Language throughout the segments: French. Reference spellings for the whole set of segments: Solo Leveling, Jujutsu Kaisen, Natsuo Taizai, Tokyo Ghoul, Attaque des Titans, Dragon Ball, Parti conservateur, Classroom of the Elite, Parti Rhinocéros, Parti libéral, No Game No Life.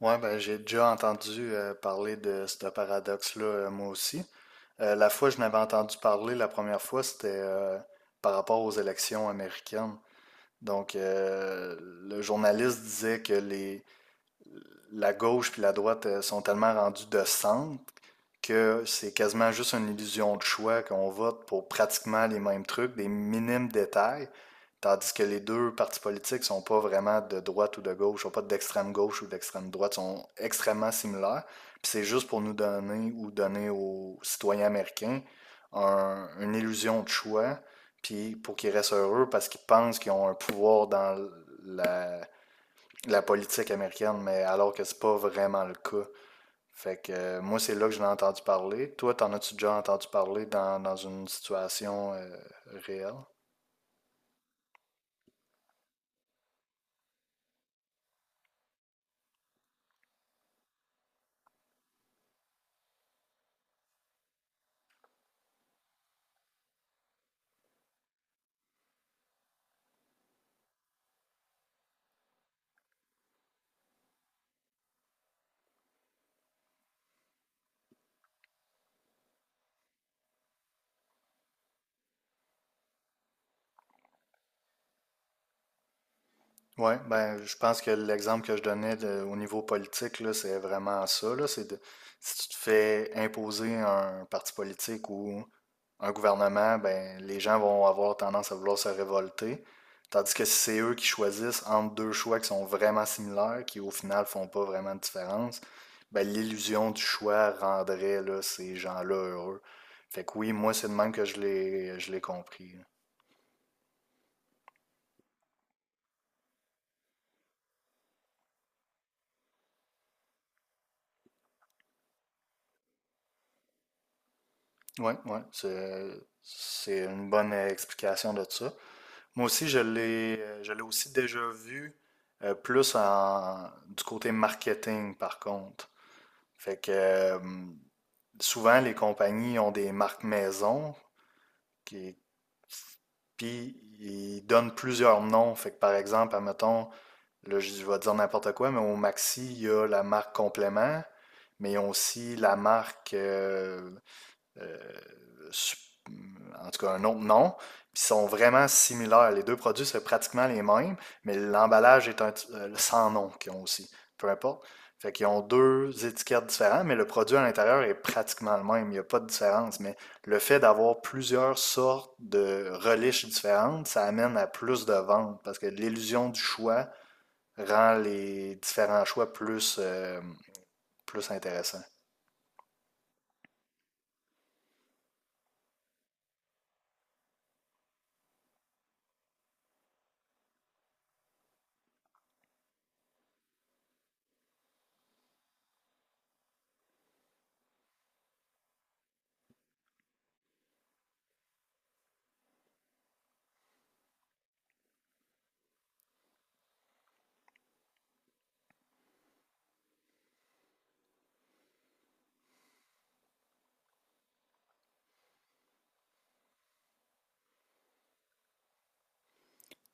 Ouais, ben, j'ai déjà entendu parler de ce paradoxe-là, moi aussi. La fois que je n'avais entendu parler la première fois, c'était par rapport aux élections américaines. Donc, le journaliste disait que la gauche puis la droite sont tellement rendues de centre que c'est quasiment juste une illusion de choix, qu'on vote pour pratiquement les mêmes trucs, des minimes détails, tandis que les deux partis politiques sont pas vraiment de droite ou de gauche, sont pas d'extrême gauche ou d'extrême droite, sont extrêmement similaires. Puis c'est juste pour nous donner ou donner aux citoyens américains une illusion de choix, puis pour qu'ils restent heureux parce qu'ils pensent qu'ils ont un pouvoir dans la, la politique américaine, mais alors que c'est pas vraiment le cas. Fait que moi, c'est là que je l'ai entendu parler. Toi, t'en as-tu déjà entendu parler dans une situation réelle? Oui, ben, je pense que l'exemple que je donnais au niveau politique, là, c'est vraiment ça, là, c'est de, si tu te fais imposer un parti politique ou un gouvernement, ben, les gens vont avoir tendance à vouloir se révolter. Tandis que si c'est eux qui choisissent entre deux choix qui sont vraiment similaires, qui au final font pas vraiment de différence, ben, l'illusion du choix rendrait, là, ces gens-là heureux. Fait que oui, moi, c'est de même que je l'ai compris. Ouais, ouais, c'est une bonne explication de ça. Moi aussi, je l'ai aussi déjà vu plus du côté marketing, par contre. Fait que souvent, les compagnies ont des marques maison qui puis ils donnent plusieurs noms. Fait que par exemple, admettons, là, je vais dire n'importe quoi, mais au Maxi, il y a la marque complément, mais ils ont aussi la marque euh, Sup- en tout cas un autre nom, puis sont vraiment similaires. Les deux produits, c'est pratiquement les mêmes, mais l'emballage est un, sans nom qu'ils ont aussi, peu importe. Fait qu'ils ont deux étiquettes différentes, mais le produit à l'intérieur est pratiquement le même. Il n'y a pas de différence. Mais le fait d'avoir plusieurs sortes de reliches différentes, ça amène à plus de ventes parce que l'illusion du choix rend les différents choix plus intéressants.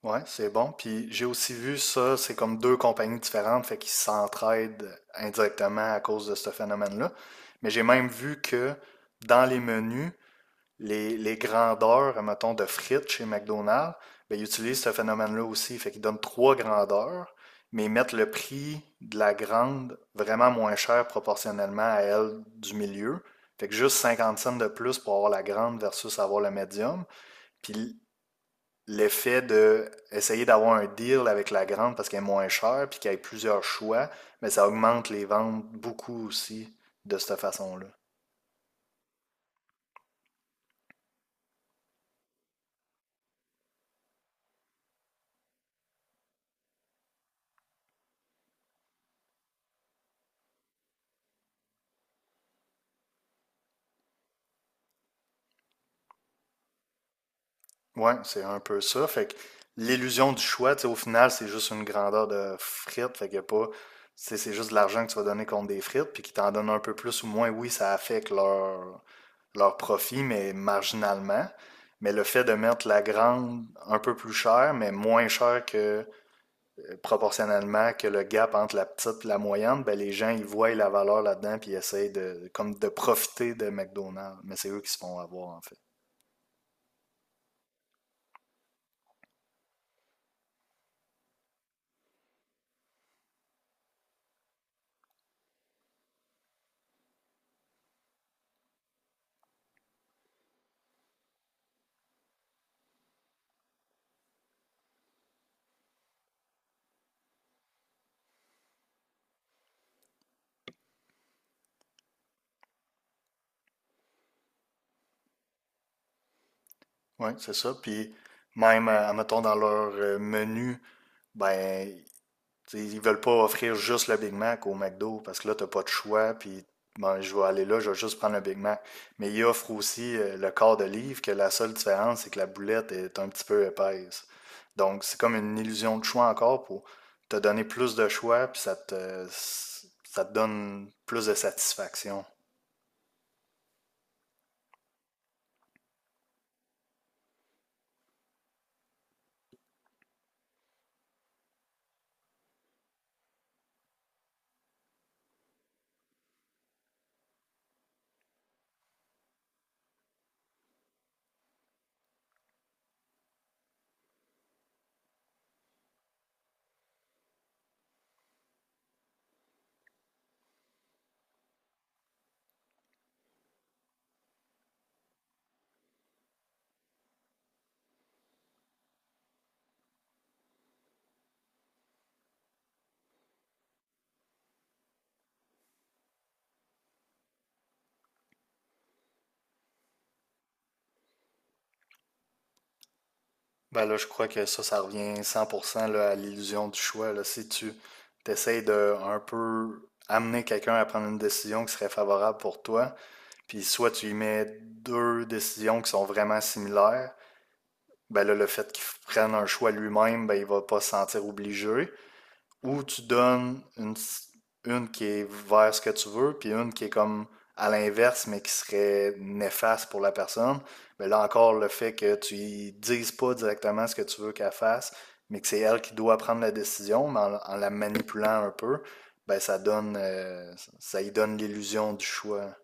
Ouais, c'est bon. Puis j'ai aussi vu ça, c'est comme deux compagnies différentes, fait qu'ils s'entraident indirectement à cause de ce phénomène-là. Mais j'ai même vu que dans les menus, les grandeurs, mettons, de frites chez McDonald's, ben, ils utilisent ce phénomène-là aussi. Fait qu'ils donnent trois grandeurs, mais ils mettent le prix de la grande vraiment moins cher proportionnellement à elle du milieu. Fait que juste 50 cents de plus pour avoir la grande versus avoir le médium. Puis le fait de essayer d'avoir un deal avec la grande parce qu'elle est moins chère puis qu'il y ait plusieurs choix, mais ça augmente les ventes beaucoup aussi de cette façon-là. Ouais, c'est un peu ça. Fait que l'illusion du choix, tu sais, au final, c'est juste une grandeur de frites. Fait qu'il y a pas. C'est juste de l'argent que tu vas donner contre des frites, puis qui t'en donnent un peu plus ou moins. Oui, ça affecte leur profit, mais marginalement. Mais le fait de mettre la grande un peu plus chère, mais moins chère que proportionnellement que le gap entre la petite et la moyenne, ben, les gens, ils voient la valeur là-dedans puis ils essayent de, comme de profiter de McDonald's. Mais c'est eux qui se font avoir, en fait. Oui, c'est ça. Puis même, mettons, dans leur menu, ben, t'sais, ils veulent pas offrir juste le Big Mac au McDo parce que là, t'as pas de choix, puis bon, je vais aller là, je vais juste prendre le Big Mac. Mais ils offrent aussi le quart de livre, que la seule différence, c'est que la boulette est un petit peu épaisse. Donc, c'est comme une illusion de choix encore pour te donner plus de choix, puis ça te donne plus de satisfaction. Ben là, je crois que ça revient 100% là, à l'illusion du choix. Là. Si tu t'essayes de un peu amener quelqu'un à prendre une décision qui serait favorable pour toi, puis soit tu y mets deux décisions qui sont vraiment similaires, ben là, le fait qu'il prenne un choix lui-même, ben il va pas se sentir obligé. Ou tu donnes une qui est vers ce que tu veux, puis une qui est comme à l'inverse, mais qui serait néfaste pour la personne. Ben là encore, le fait que tu y dises pas directement ce que tu veux qu'elle fasse, mais que c'est elle qui doit prendre la décision, mais en la manipulant un peu, ben ça donne, ça y donne l'illusion du choix.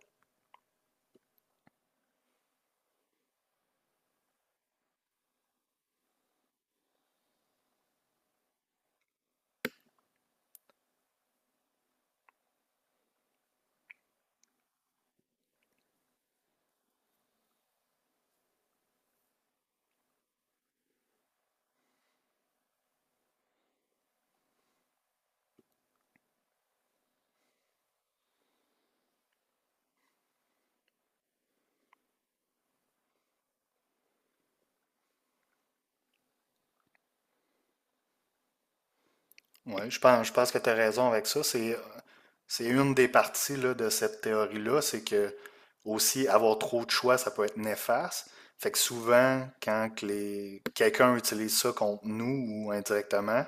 Oui, je pense que tu as raison avec ça. C'est une des parties là, de cette théorie-là, c'est que aussi avoir trop de choix, ça peut être néfaste. Fait que souvent, quand que quelqu'un utilise ça contre nous ou indirectement,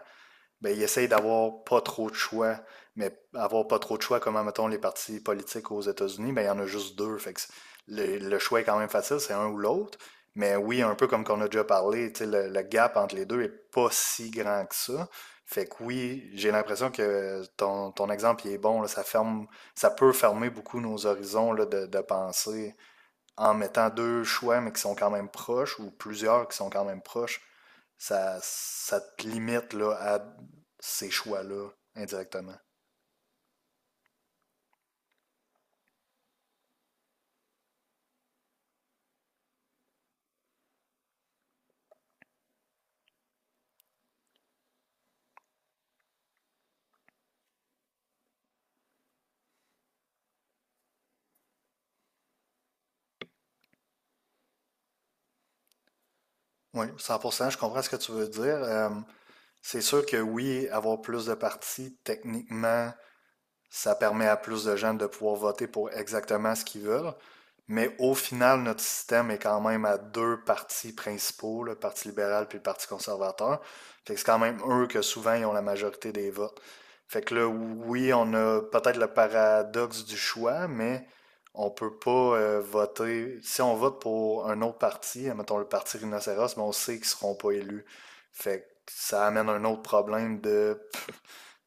ben, ils essayent d'avoir pas trop de choix. Mais avoir pas trop de choix, comme mettons les partis politiques aux États-Unis, ben, il y en a juste deux. Fait que le choix est quand même facile, c'est un ou l'autre. Mais oui, un peu comme qu'on a déjà parlé, tu sais, le gap entre les deux est pas si grand que ça. Fait que oui, j'ai l'impression que ton exemple il est bon, là, ça peut fermer beaucoup nos horizons là, de pensée en mettant deux choix, mais qui sont quand même proches, ou plusieurs qui sont quand même proches, ça te limite là, à ces choix-là indirectement. Oui, 100%, je comprends ce que tu veux dire. C'est sûr que oui, avoir plus de partis, techniquement, ça permet à plus de gens de pouvoir voter pour exactement ce qu'ils veulent. Mais au final, notre système est quand même à deux partis principaux, le Parti libéral puis le Parti conservateur. Fait que c'est quand même eux que souvent ils ont la majorité des votes. Fait que là, oui, on a peut-être le paradoxe du choix, mais on peut pas voter. Si on vote pour un autre parti, mettons le parti Rhinocéros, mais on sait qu'ils seront pas élus. Fait que ça amène un autre problème de,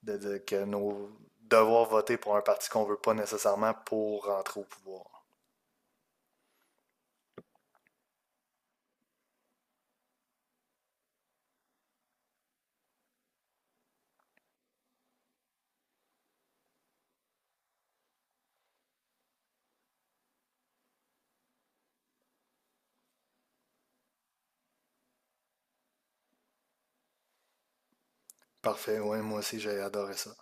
de, de que nos devoir voter pour un parti qu'on veut pas nécessairement pour rentrer au pouvoir. Parfait, ouais, moi aussi j'ai adoré ça.